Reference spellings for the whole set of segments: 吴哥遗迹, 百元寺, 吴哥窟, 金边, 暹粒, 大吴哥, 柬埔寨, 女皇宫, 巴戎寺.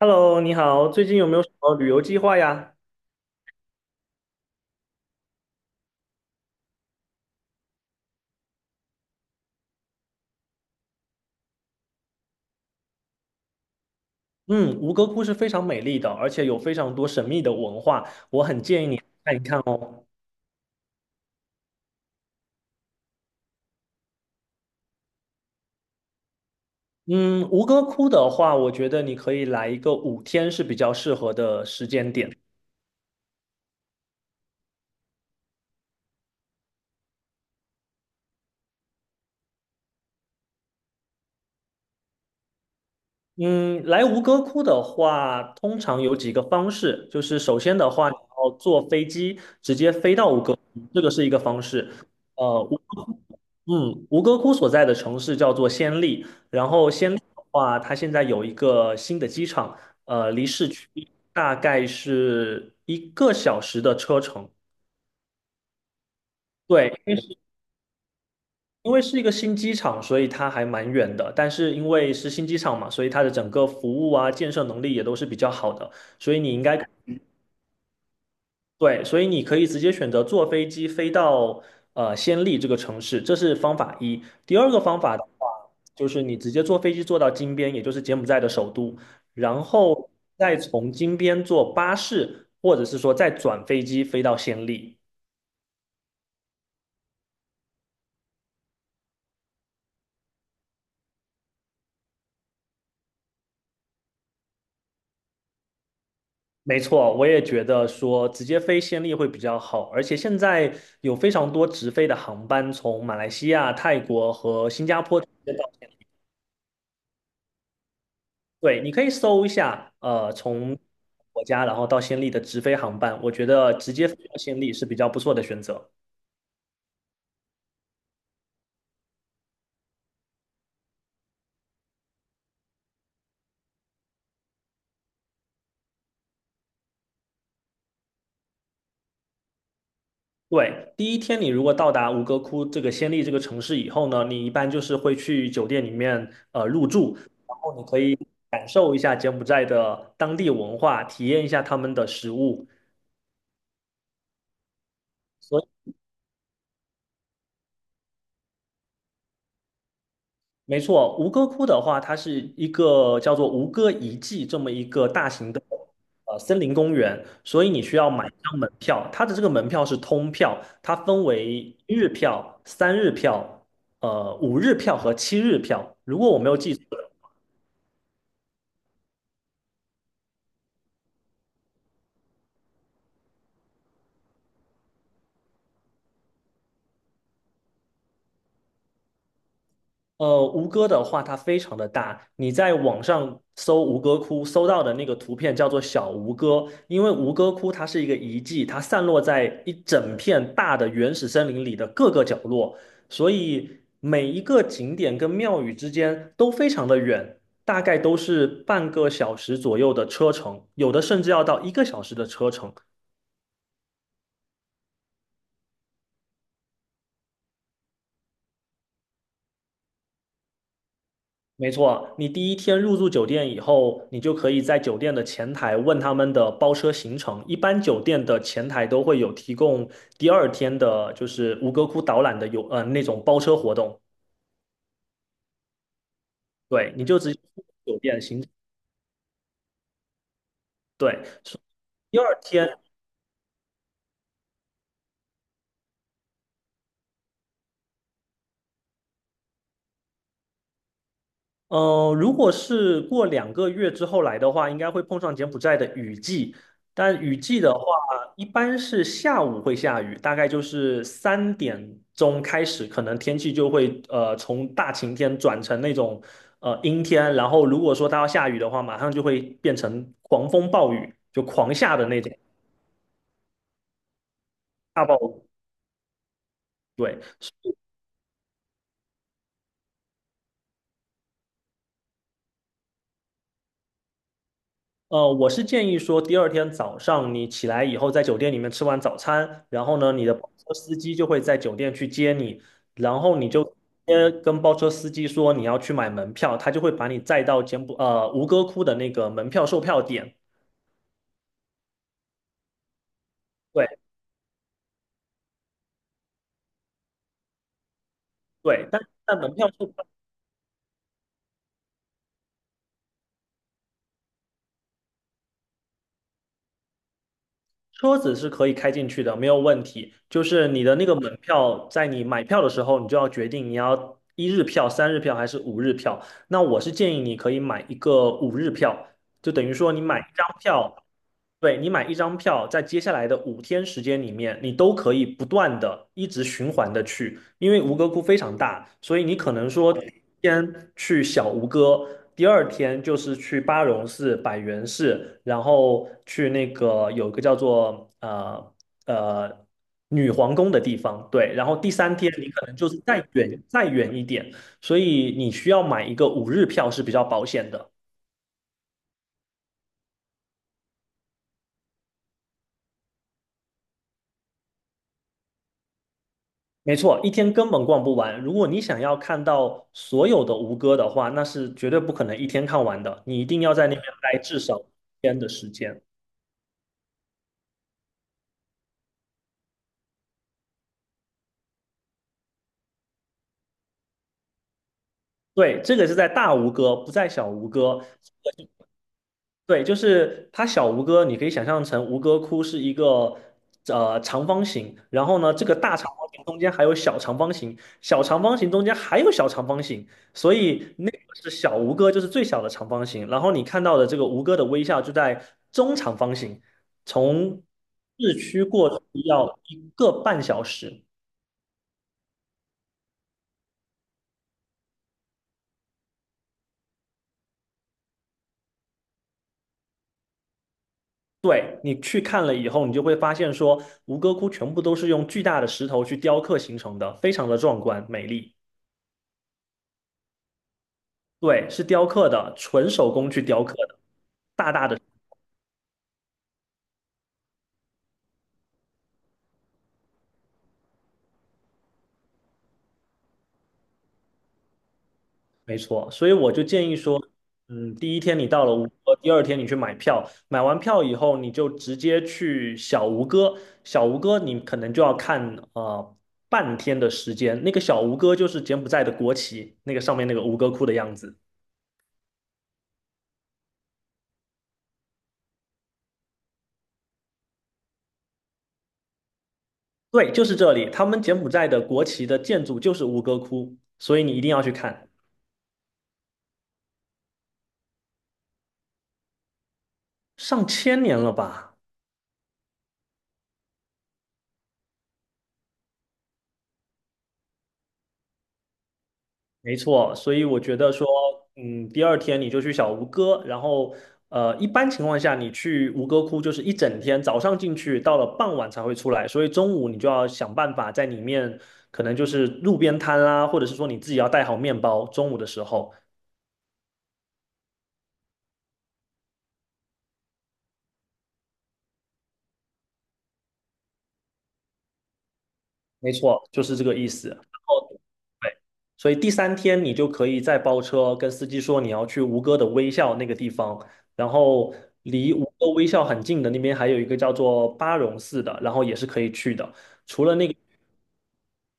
Hello，你好，最近有没有什么旅游计划呀？嗯，吴哥窟是非常美丽的，而且有非常多神秘的文化，我很建议你看一看哦。嗯，吴哥窟的话，我觉得你可以来一个五天是比较适合的时间点。嗯，来吴哥窟的话，通常有几个方式，就是首先的话，你要坐飞机直接飞到吴哥窟，这个是一个方式。呃，吴吴哥窟所在的城市叫做暹粒，然后暹粒的话，它现在有一个新的机场，离市区大概是一个小时的车程。对，因为是一个新机场，所以它还蛮远的。但是因为是新机场嘛，所以它的整个服务啊、建设能力也都是比较好的。所以你应该对，所以你可以直接选择坐飞机飞到暹粒这个城市，这是方法一。第二个方法的话，就是你直接坐飞机坐到金边，也就是柬埔寨的首都，然后再从金边坐巴士，或者是说再转飞机飞到暹粒。没错，我也觉得说直接飞暹粒会比较好，而且现在有非常多直飞的航班从马来西亚、泰国和新加坡直接到。对，你可以搜一下，从国家然后到暹粒的直飞航班，我觉得直接飞到暹粒是比较不错的选择。对，第一天你如果到达吴哥窟这个暹粒这个城市以后呢，你一般就是会去酒店里面入住，然后你可以感受一下柬埔寨的当地文化，体验一下他们的食物。所以。没错，吴哥窟的话，它是一个叫做吴哥遗迹这么一个大型的森林公园，所以你需要买一张门票。它的这个门票是通票，它分为一日票、三日票、五日票和七日票。如果我没有记错，吴哥的话，它非常的大。你在网上搜吴哥窟，搜到的那个图片叫做小吴哥，因为吴哥窟它是一个遗迹，它散落在一整片大的原始森林里的各个角落，所以每一个景点跟庙宇之间都非常的远，大概都是半个小时左右的车程，有的甚至要到一个小时的车程。没错，你第一天入住酒店以后，你就可以在酒店的前台问他们的包车行程。一般酒店的前台都会有提供第二天的，就是吴哥窟导览的有那种包车活动。对，你就直接去酒店行。对，第二天呃，如果是过2个月之后来的话，应该会碰上柬埔寨的雨季。但雨季的话，一般是下午会下雨，大概就是3点钟开始，可能天气就会从大晴天转成那种阴天。然后如果说它要下雨的话，马上就会变成狂风暴雨，就狂下的那种大暴雨。对，我是建议说，第二天早上你起来以后，在酒店里面吃完早餐，然后呢，你的包车司机就会在酒店去接你，然后你就直接跟包车司机说你要去买门票，他就会把你载到吴哥窟的那个门票售票点。对对，但但门票售票车子是可以开进去的，没有问题。就是你的那个门票，在你买票的时候，你就要决定你要一日票、三日票还是五日票。那我是建议你可以买一个五日票。就等于说你买一张票，对，你买一张票，在接下来的五天时间里面，你都可以不断的一直循环的去，因为吴哥窟非常大，所以你可能说先去小吴哥，第二天就是去巴戎寺、百元寺，然后去那个有个叫做呃女皇宫的地方，对，然后第三天你可能就是再远再远一点，所以你需要买一个五日票是比较保险的。没错，一天根本逛不完。如果你想要看到所有的吴哥的话，那是绝对不可能一天看完的。你一定要在那边待至少一天的时间。对，这个是在大吴哥，不在小吴哥。对，就是它小吴哥，你可以想象成吴哥窟是一个长方形，然后呢，这个大长方形中间还有小长方形，小长方形中间还有小长方形，所以那个是小吴哥，就是最小的长方形。然后你看到的这个吴哥的微笑就在中长方形，从市区过去要一个半小时。对，你去看了以后，你就会发现说，吴哥窟全部都是用巨大的石头去雕刻形成的，非常的壮观美丽。对，是雕刻的，纯手工去雕刻的，大大的，没错。所以我就建议说，嗯，第一天你到了吴哥，第二天你去买票，买完票以后，你就直接去小吴哥。小吴哥你可能就要看半天的时间，那个小吴哥就是柬埔寨的国旗，那个上面那个吴哥窟的样子。对，就是这里，他们柬埔寨的国旗的建筑就是吴哥窟，所以你一定要去看，上千年了吧。没错，所以我觉得说，嗯，第二天你就去小吴哥，然后一般情况下你去吴哥窟就是一整天，早上进去，到了傍晚才会出来，所以中午你就要想办法在里面，可能就是路边摊啦，或者是说你自己要带好面包，中午的时候，没错，就是这个意思。后。对，所以第三天你就可以再包车，跟司机说你要去吴哥的微笑那个地方，然后离吴哥微笑很近的那边还有一个叫做巴戎寺的，然后也是可以去的。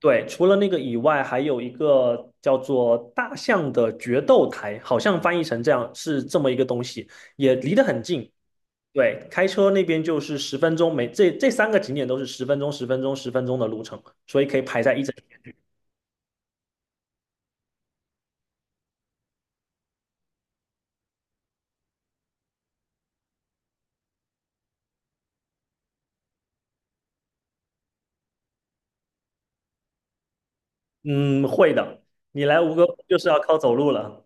对，除了那个以外，还有一个叫做大象的决斗台，好像翻译成这样是这么一个东西，也离得很近。对，开车那边就是十分钟，每三个景点都是十分钟、十分钟、十分钟的路程，所以可以排在嗯，会的。你来吴哥窟就是要靠走路了，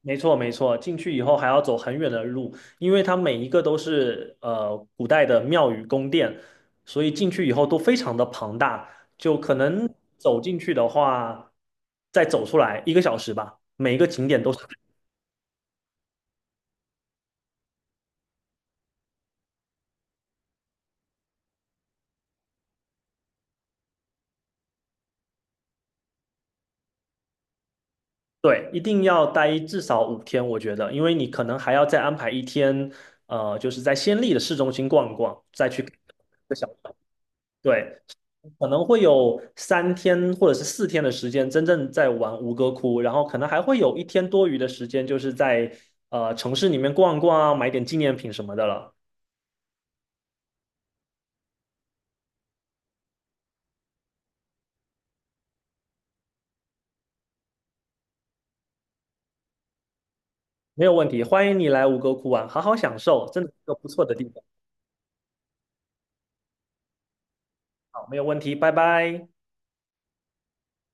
没错没错。进去以后还要走很远的路，因为它每一个都是古代的庙宇宫殿，所以进去以后都非常的庞大，就可能走进去的话，再走出来一个小时吧。每一个景点都是，对，一定要待至少五天，我觉得，因为你可能还要再安排一天，就是在暹粒的市中心逛一逛，再去。个小对，可能会有三天或者是4天的时间真正在玩吴哥窟，然后可能还会有一天多余的时间，就是在城市里面逛逛啊，买点纪念品什么的了。没有问题，欢迎你来吴哥窟玩，好好享受，真的是个不错的地方。好，没有问题，拜拜。